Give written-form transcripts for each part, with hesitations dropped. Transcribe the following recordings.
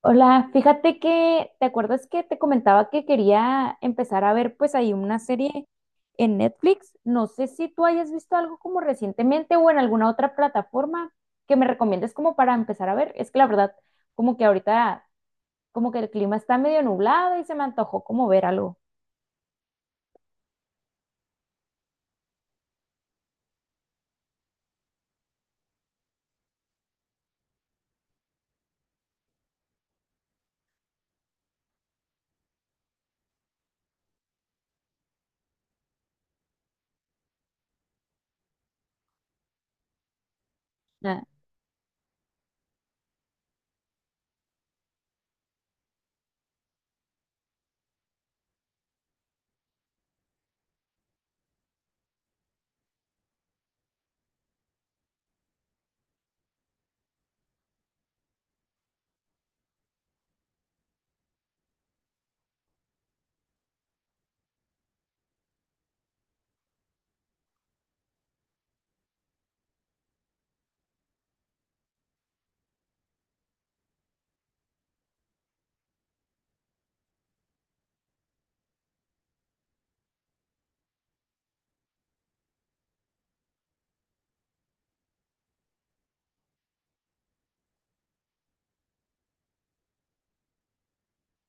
Hola, fíjate que, ¿te acuerdas que te comentaba que quería empezar a ver pues ahí una serie en Netflix? No sé si tú hayas visto algo como recientemente o en alguna otra plataforma que me recomiendes como para empezar a ver. Es que la verdad, como que ahorita, como que el clima está medio nublado y se me antojó como ver algo. Ah.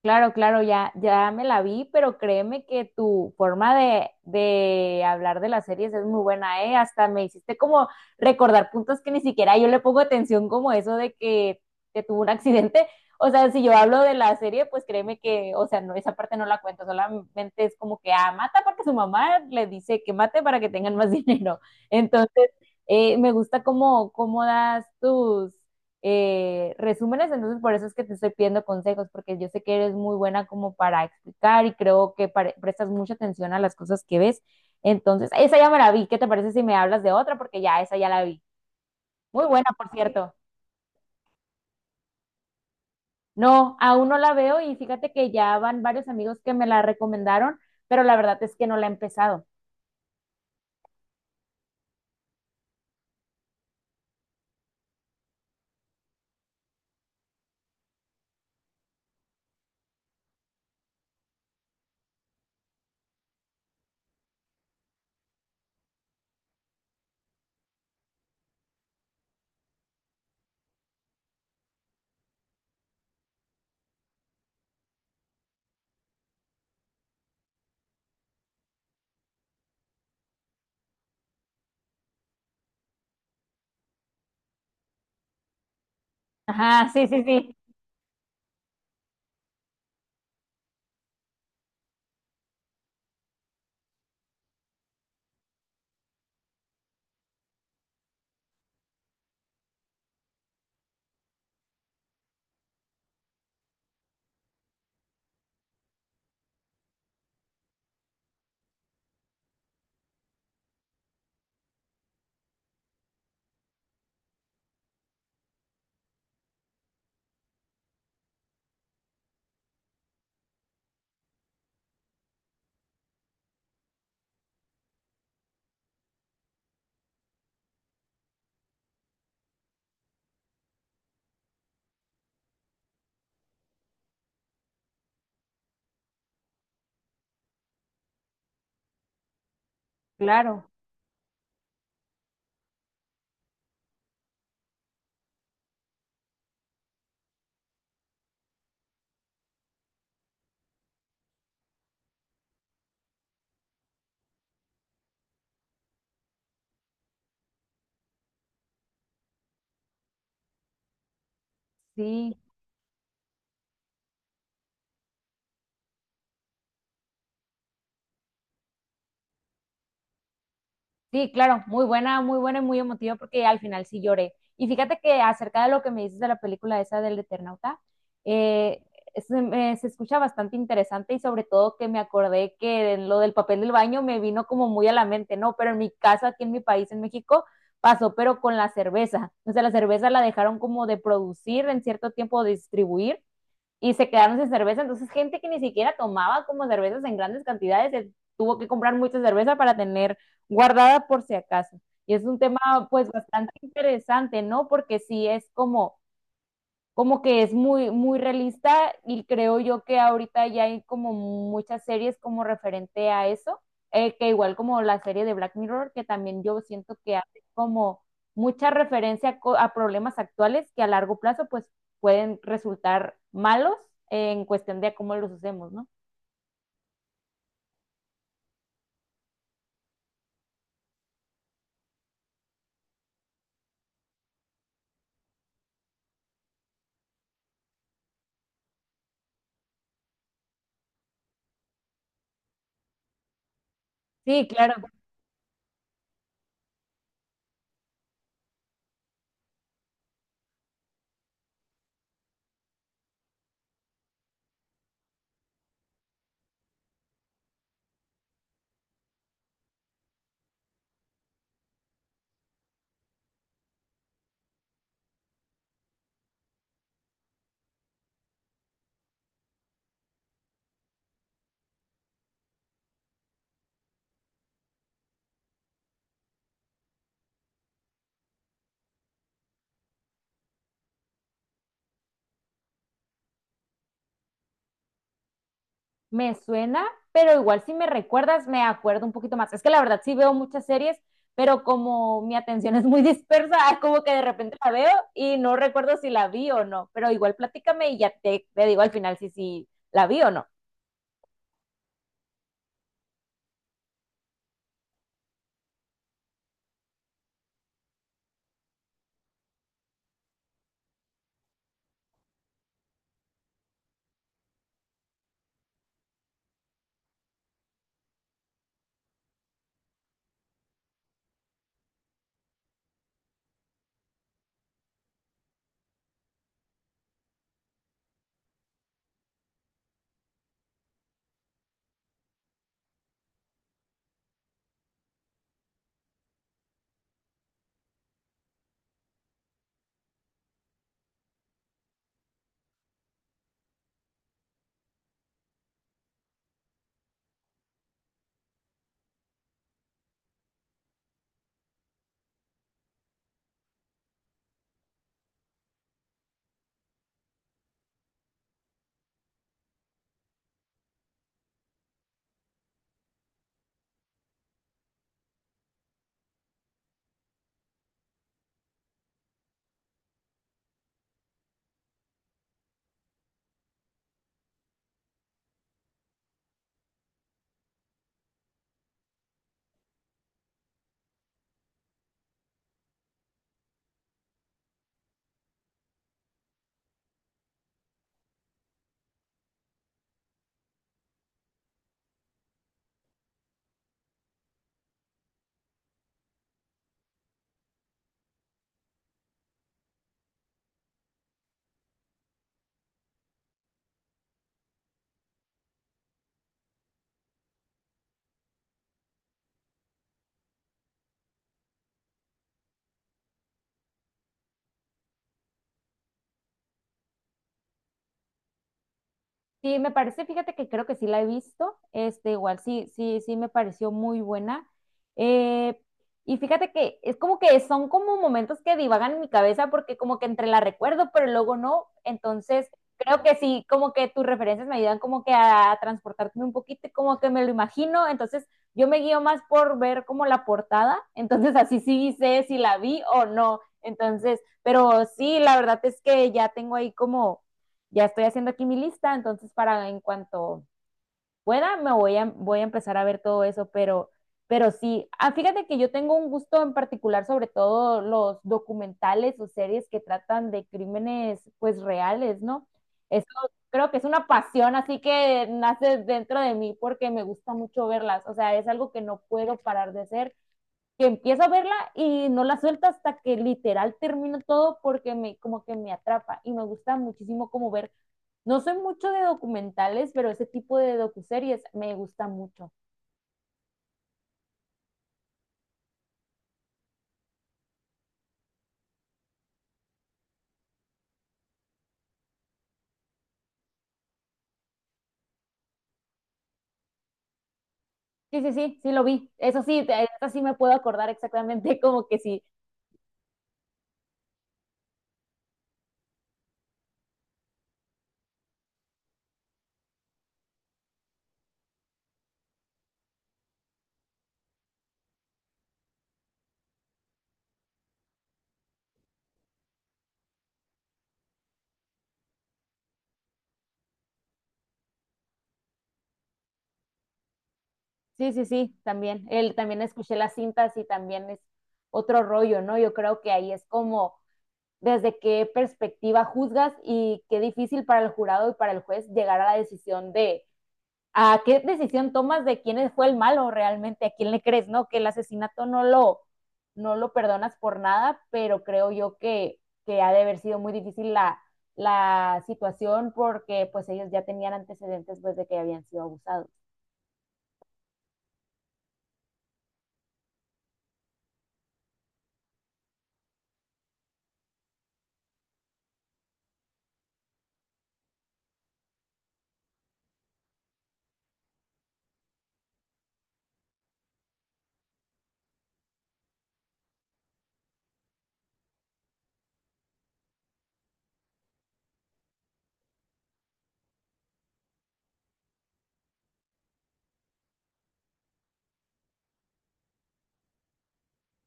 Claro, claro, ya me la vi, pero créeme que tu forma de hablar de las series es muy buena, ¿eh? Hasta me hiciste como recordar puntos que ni siquiera yo le pongo atención, como eso de que tuvo un accidente. O sea, si yo hablo de la serie, pues créeme que, o sea, no, esa parte no la cuento, solamente es como que, ah, mata porque su mamá le dice que mate para que tengan más dinero. Entonces, me gusta cómo, cómo das tus resúmenes, entonces por eso es que te estoy pidiendo consejos, porque yo sé que eres muy buena como para explicar y creo que pare- prestas mucha atención a las cosas que ves. Entonces, esa ya me la vi. ¿Qué te parece si me hablas de otra? Porque ya esa ya la vi. Muy buena, por cierto. No, aún no la veo y fíjate que ya van varios amigos que me la recomendaron, pero la verdad es que no la he empezado. Ajá, sí, sí, sí, claro, sí. Sí, claro, muy buena y muy emotiva porque al final sí lloré. Y fíjate que acerca de lo que me dices de la película esa del Eternauta, eh, se, me- se escucha bastante interesante y sobre todo que me acordé que en lo del papel del baño me vino como muy a la mente, ¿no? Pero en mi casa, aquí en mi país, en México, pasó, pero con la cerveza. O sea, la cerveza la dejaron como de producir en cierto tiempo, de distribuir y se quedaron sin cerveza. Entonces, gente que ni siquiera tomaba como cervezas en grandes cantidades, se tuvo que comprar mucha cerveza para tener guardada por si acaso. Y es un tema pues bastante interesante, ¿no? Porque sí es como que es muy, muy realista y creo yo que ahorita ya hay como muchas series como referente a eso, que igual como la serie de Black Mirror, que también yo siento que hace como mucha referencia a, co- a problemas actuales que a largo plazo pues pueden resultar malos en cuestión de a cómo los usemos, ¿no? Sí, claro. Me suena, pero igual si me recuerdas, me acuerdo un poquito más. Es que la verdad sí veo muchas series, pero como mi atención es muy dispersa, como que de repente la veo y no recuerdo si la vi o no. Pero igual platícame y ya te digo al final si, si la vi o no. Sí, me parece, fíjate que creo que sí la he visto, este, igual sí, sí, sí me pareció muy buena. Eh, y fíjate que es como que son como momentos que divagan en mi cabeza porque como que entre la recuerdo, pero luego no. Entonces, creo que sí, como que tus referencias me ayudan como que a transportarme un poquito y como que me lo imagino. Entonces, yo me guío más por ver como la portada, entonces así sí sé si la vi o no. Entonces, pero sí, la verdad es que ya tengo ahí como ya estoy haciendo aquí mi lista, entonces para en cuanto pueda me voy voy a empezar a ver todo eso, pero sí, ah, fíjate que yo tengo un gusto en particular sobre todo los documentales o series que tratan de crímenes pues reales, ¿no? Eso creo que es una pasión, así que nace dentro de mí porque me gusta mucho verlas, o sea, es algo que no puedo parar de hacer que empiezo a verla y no la suelta hasta que literal termino todo porque me como que me atrapa y me gusta muchísimo como ver, no soy mucho de documentales, pero ese tipo de docuseries me gusta mucho. Sí, sí, sí, sí lo vi. Eso sí, te- esta sí me puedo acordar exactamente como que sí. Sí, sí, sí, también. Él también escuché las cintas y también es otro rollo, ¿no? Yo creo que ahí es como desde qué perspectiva juzgas y qué difícil para el jurado y para el juez llegar a la decisión de a qué decisión tomas de quién fue el malo realmente, a quién le crees, ¿no? Que el asesinato no lo perdonas por nada, pero creo yo que ha de haber sido muy difícil la situación porque pues ellos ya tenían antecedentes pues de que habían sido abusados.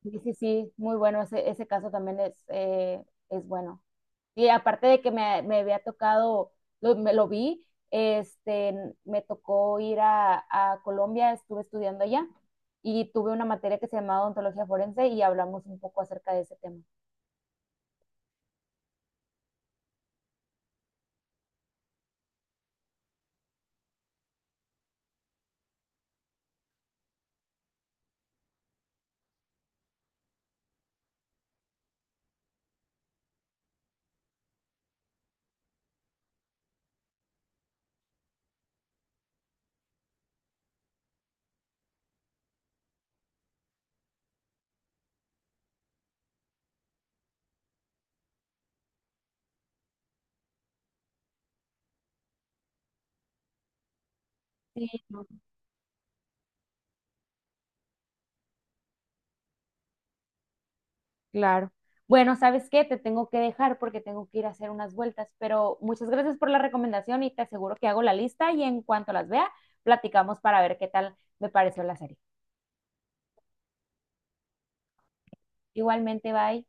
Sí, sí, sí, muy bueno, ese caso también es bueno. Y aparte de que me había tocado, lo, me lo vi, este, me tocó ir a Colombia, estuve estudiando allá y tuve una materia que se llamaba odontología forense y hablamos un poco acerca de ese tema. Sí, no, claro. Bueno, ¿sabes qué? Te tengo que dejar porque tengo que ir a hacer unas vueltas, pero muchas gracias por la recomendación y te aseguro que hago la lista y en cuanto las vea, platicamos para ver qué tal me pareció la serie. Igualmente, bye.